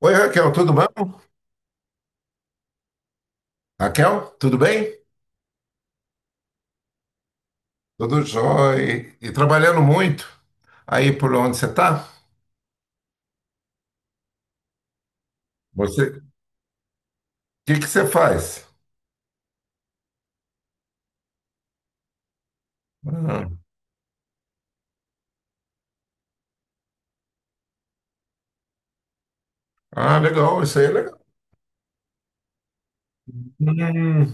Oi, Raquel, tudo bom? Raquel, tudo bem? Tudo jóia. E trabalhando muito. Aí por onde você está? Você, o que que você faz? Ah, legal, isso aí é legal. Hum,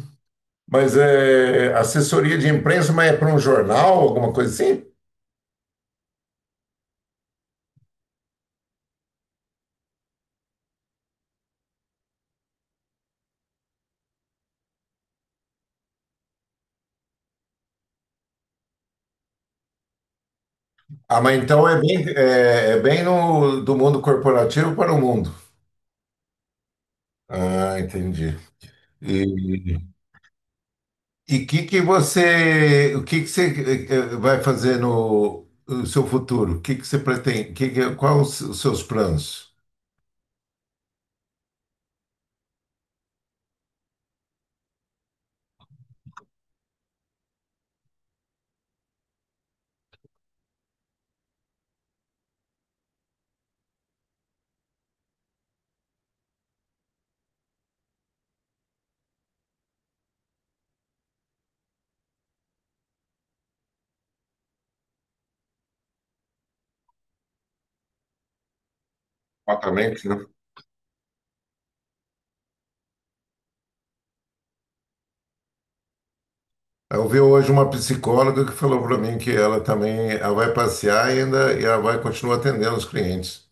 mas é assessoria de imprensa, mas é para um jornal, alguma coisa assim? Ah, mas então é bem, é bem no, do mundo corporativo para o mundo. Ah, entendi. E, E que você, o que que você vai fazer no seu futuro? O que que você pretende? Que, qual os seus planos? Exatamente, né? Eu vi hoje uma psicóloga que falou para mim que ela também, ela vai passear e ainda e ela vai continuar atendendo os clientes.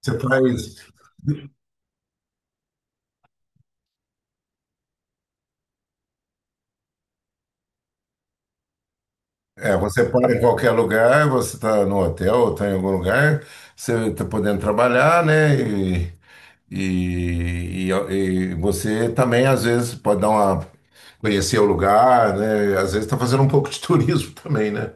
Você faz é, você para em qualquer lugar, você está no hotel ou está em algum lugar, você está podendo trabalhar, né? E você também, às vezes, pode dar uma, conhecer o lugar, né? Às vezes está fazendo um pouco de turismo também, né?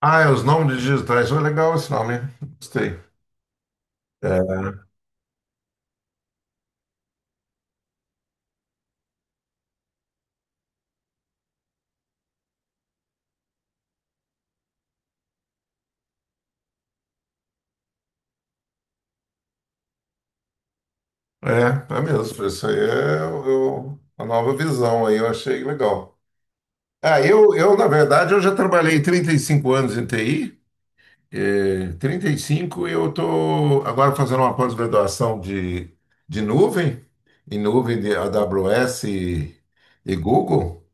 Ah, é os nomes digitais, oh, legal esse nome, hein? Gostei. É, é mesmo, isso aí a nova visão aí, eu achei legal. Ah, na verdade, eu já trabalhei 35 anos em TI. É, 35, eu estou agora fazendo uma pós-graduação de nuvem, em nuvem de AWS e Google,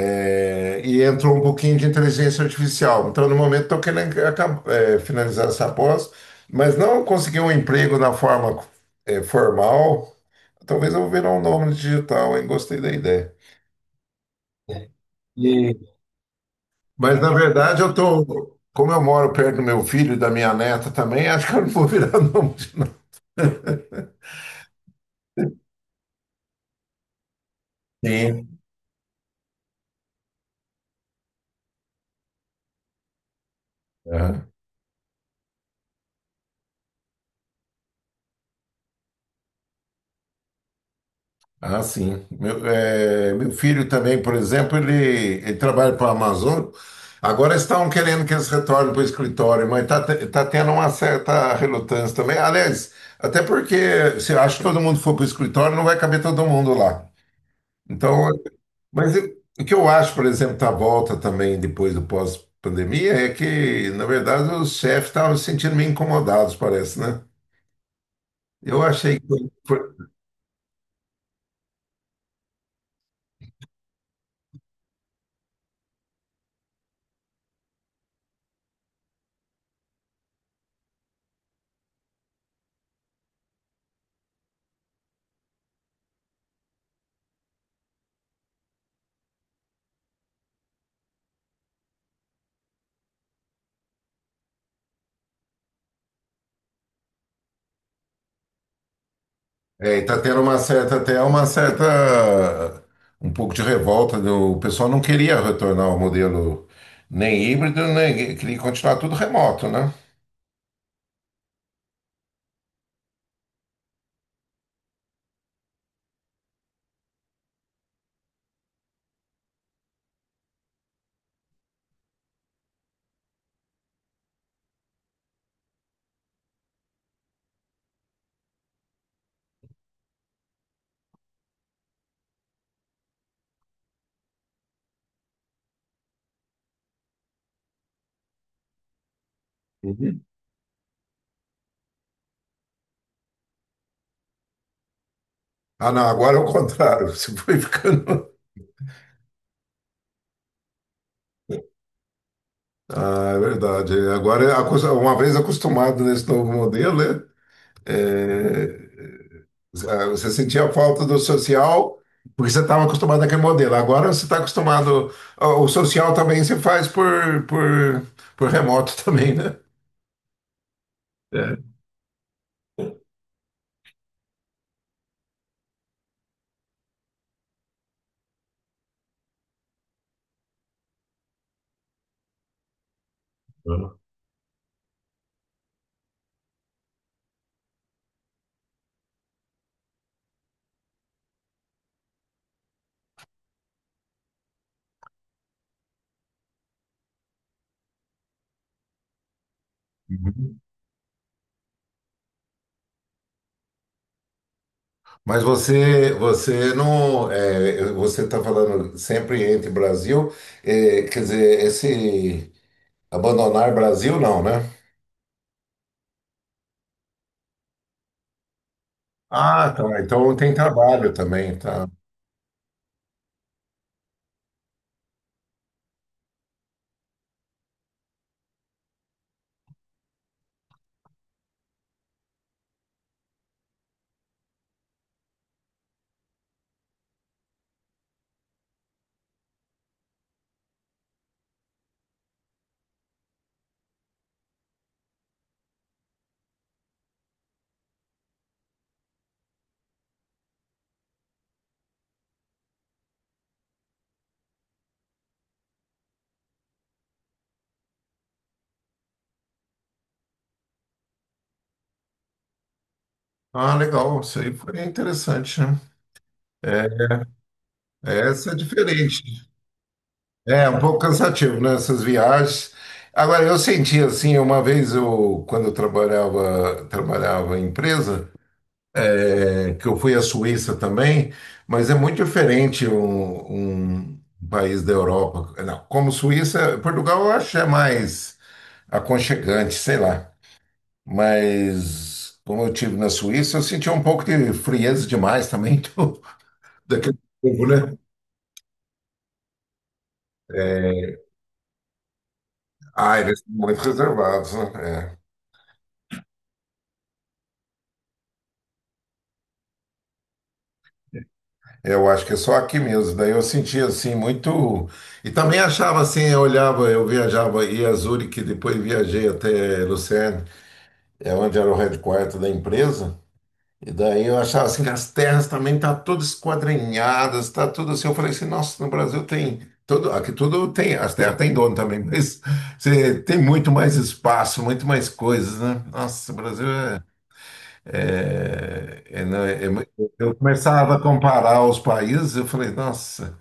é, e entrou um pouquinho de inteligência artificial. Então, no momento, estou querendo finalizar essa pós, mas não consegui um emprego na forma, é, formal. Talvez eu vou virar um nome digital, hein? Gostei da ideia. E- mas, na verdade, eu tô. Como eu moro perto do meu filho e da minha neta também, acho que eu não vou virar nome de nada. Aham. Ah, sim. Meu filho também, por exemplo, ele trabalha para a Amazon. Agora estão querendo que eles retornem para o escritório, mas tá tendo uma certa relutância também. Aliás, até porque se eu acho que todo mundo for para o escritório, não vai caber todo mundo lá. Então, o que eu acho, por exemplo, da volta também depois do pós-pandemia é que, na verdade, os chefes estavam se sentindo meio incomodados, parece, né? Eu achei que foi. É, e tá tendo uma certa, um pouco de revolta. O pessoal não queria retornar ao modelo nem híbrido, nem queria continuar tudo remoto, né? Ah, não, agora é o contrário. Você foi ficando. Ah, é verdade. Agora, uma vez acostumado nesse novo modelo, né? É, ah, você sentia a falta do social porque você estava acostumado àquele modelo. Agora você está acostumado. Ah, o social também se faz por remoto também, né? É. Uhum. Mas você não, é, você está falando sempre entre Brasil, é, quer dizer, esse abandonar Brasil não, né? Ah, tá. Então tem trabalho também, tá? Ah, legal. Isso aí foi interessante, né? É, essa é diferente. É um pouco cansativo, né? Essas viagens. Agora eu senti assim, uma vez eu, quando eu trabalhava em empresa é, que eu fui à Suíça também, mas é muito diferente um país da Europa. Não, como Suíça, Portugal eu acho que é mais aconchegante, sei lá. Mas como eu tive na Suíça, eu senti um pouco de frieza demais também do, daquele povo, né? Ah, eles são muito reservados, né? É. Eu acho que é só aqui mesmo. Daí eu sentia assim muito. E também achava assim, eu olhava, eu viajava, ia a Zurique, depois viajei até Lucerne. É onde era o headquarter da empresa. E daí eu achava assim, as terras também tá todas esquadrinhadas, tá tudo assim. Eu falei assim, nossa, no Brasil tem tudo, aqui tudo tem, as terras tem dono também, mas você tem muito mais espaço, muito mais coisas, né? Nossa, o Brasil é, é- é, não, é muito. Eu começava a comparar os países, eu falei, nossa,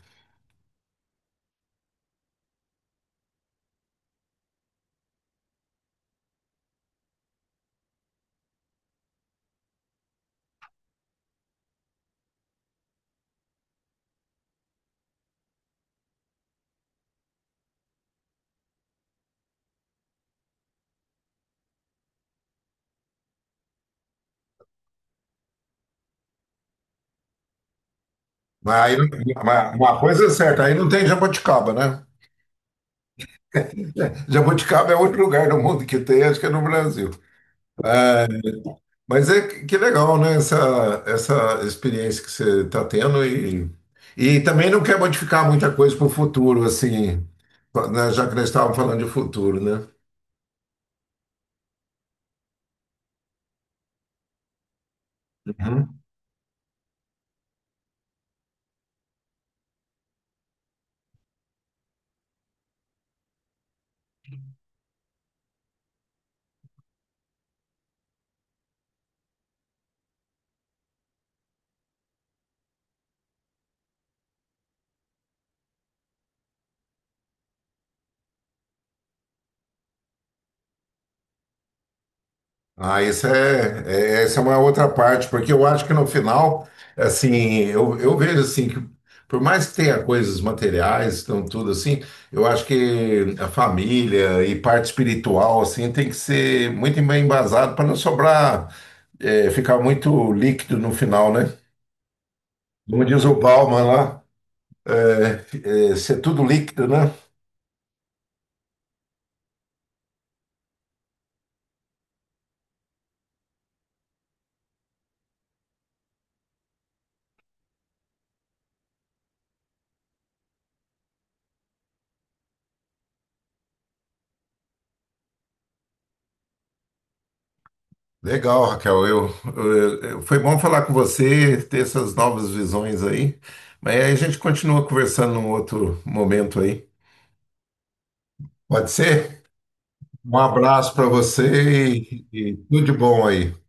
mas aí, não- mas uma coisa é certa, aí não tem Jaboticaba, né? Jaboticaba é outro lugar do mundo que tem, acho que é no Brasil. É, mas é que legal, né? Essa experiência que você está tendo e também não quer modificar muita coisa para o futuro, assim, né? Já que nós estávamos falando de futuro, né? Ah, essa é uma outra parte, porque eu acho que no final, assim, eu vejo assim que por mais que tenha coisas materiais, então tudo assim, eu acho que a família e parte espiritual assim tem que ser muito bem embasado para não sobrar, é, ficar muito líquido no final, né? Como diz o Bauman lá, ser tudo líquido, né? Legal, Raquel. Foi bom falar com você, ter essas novas visões aí. Mas aí a gente continua conversando num outro momento aí. Pode ser? Um abraço para você e tudo de bom aí.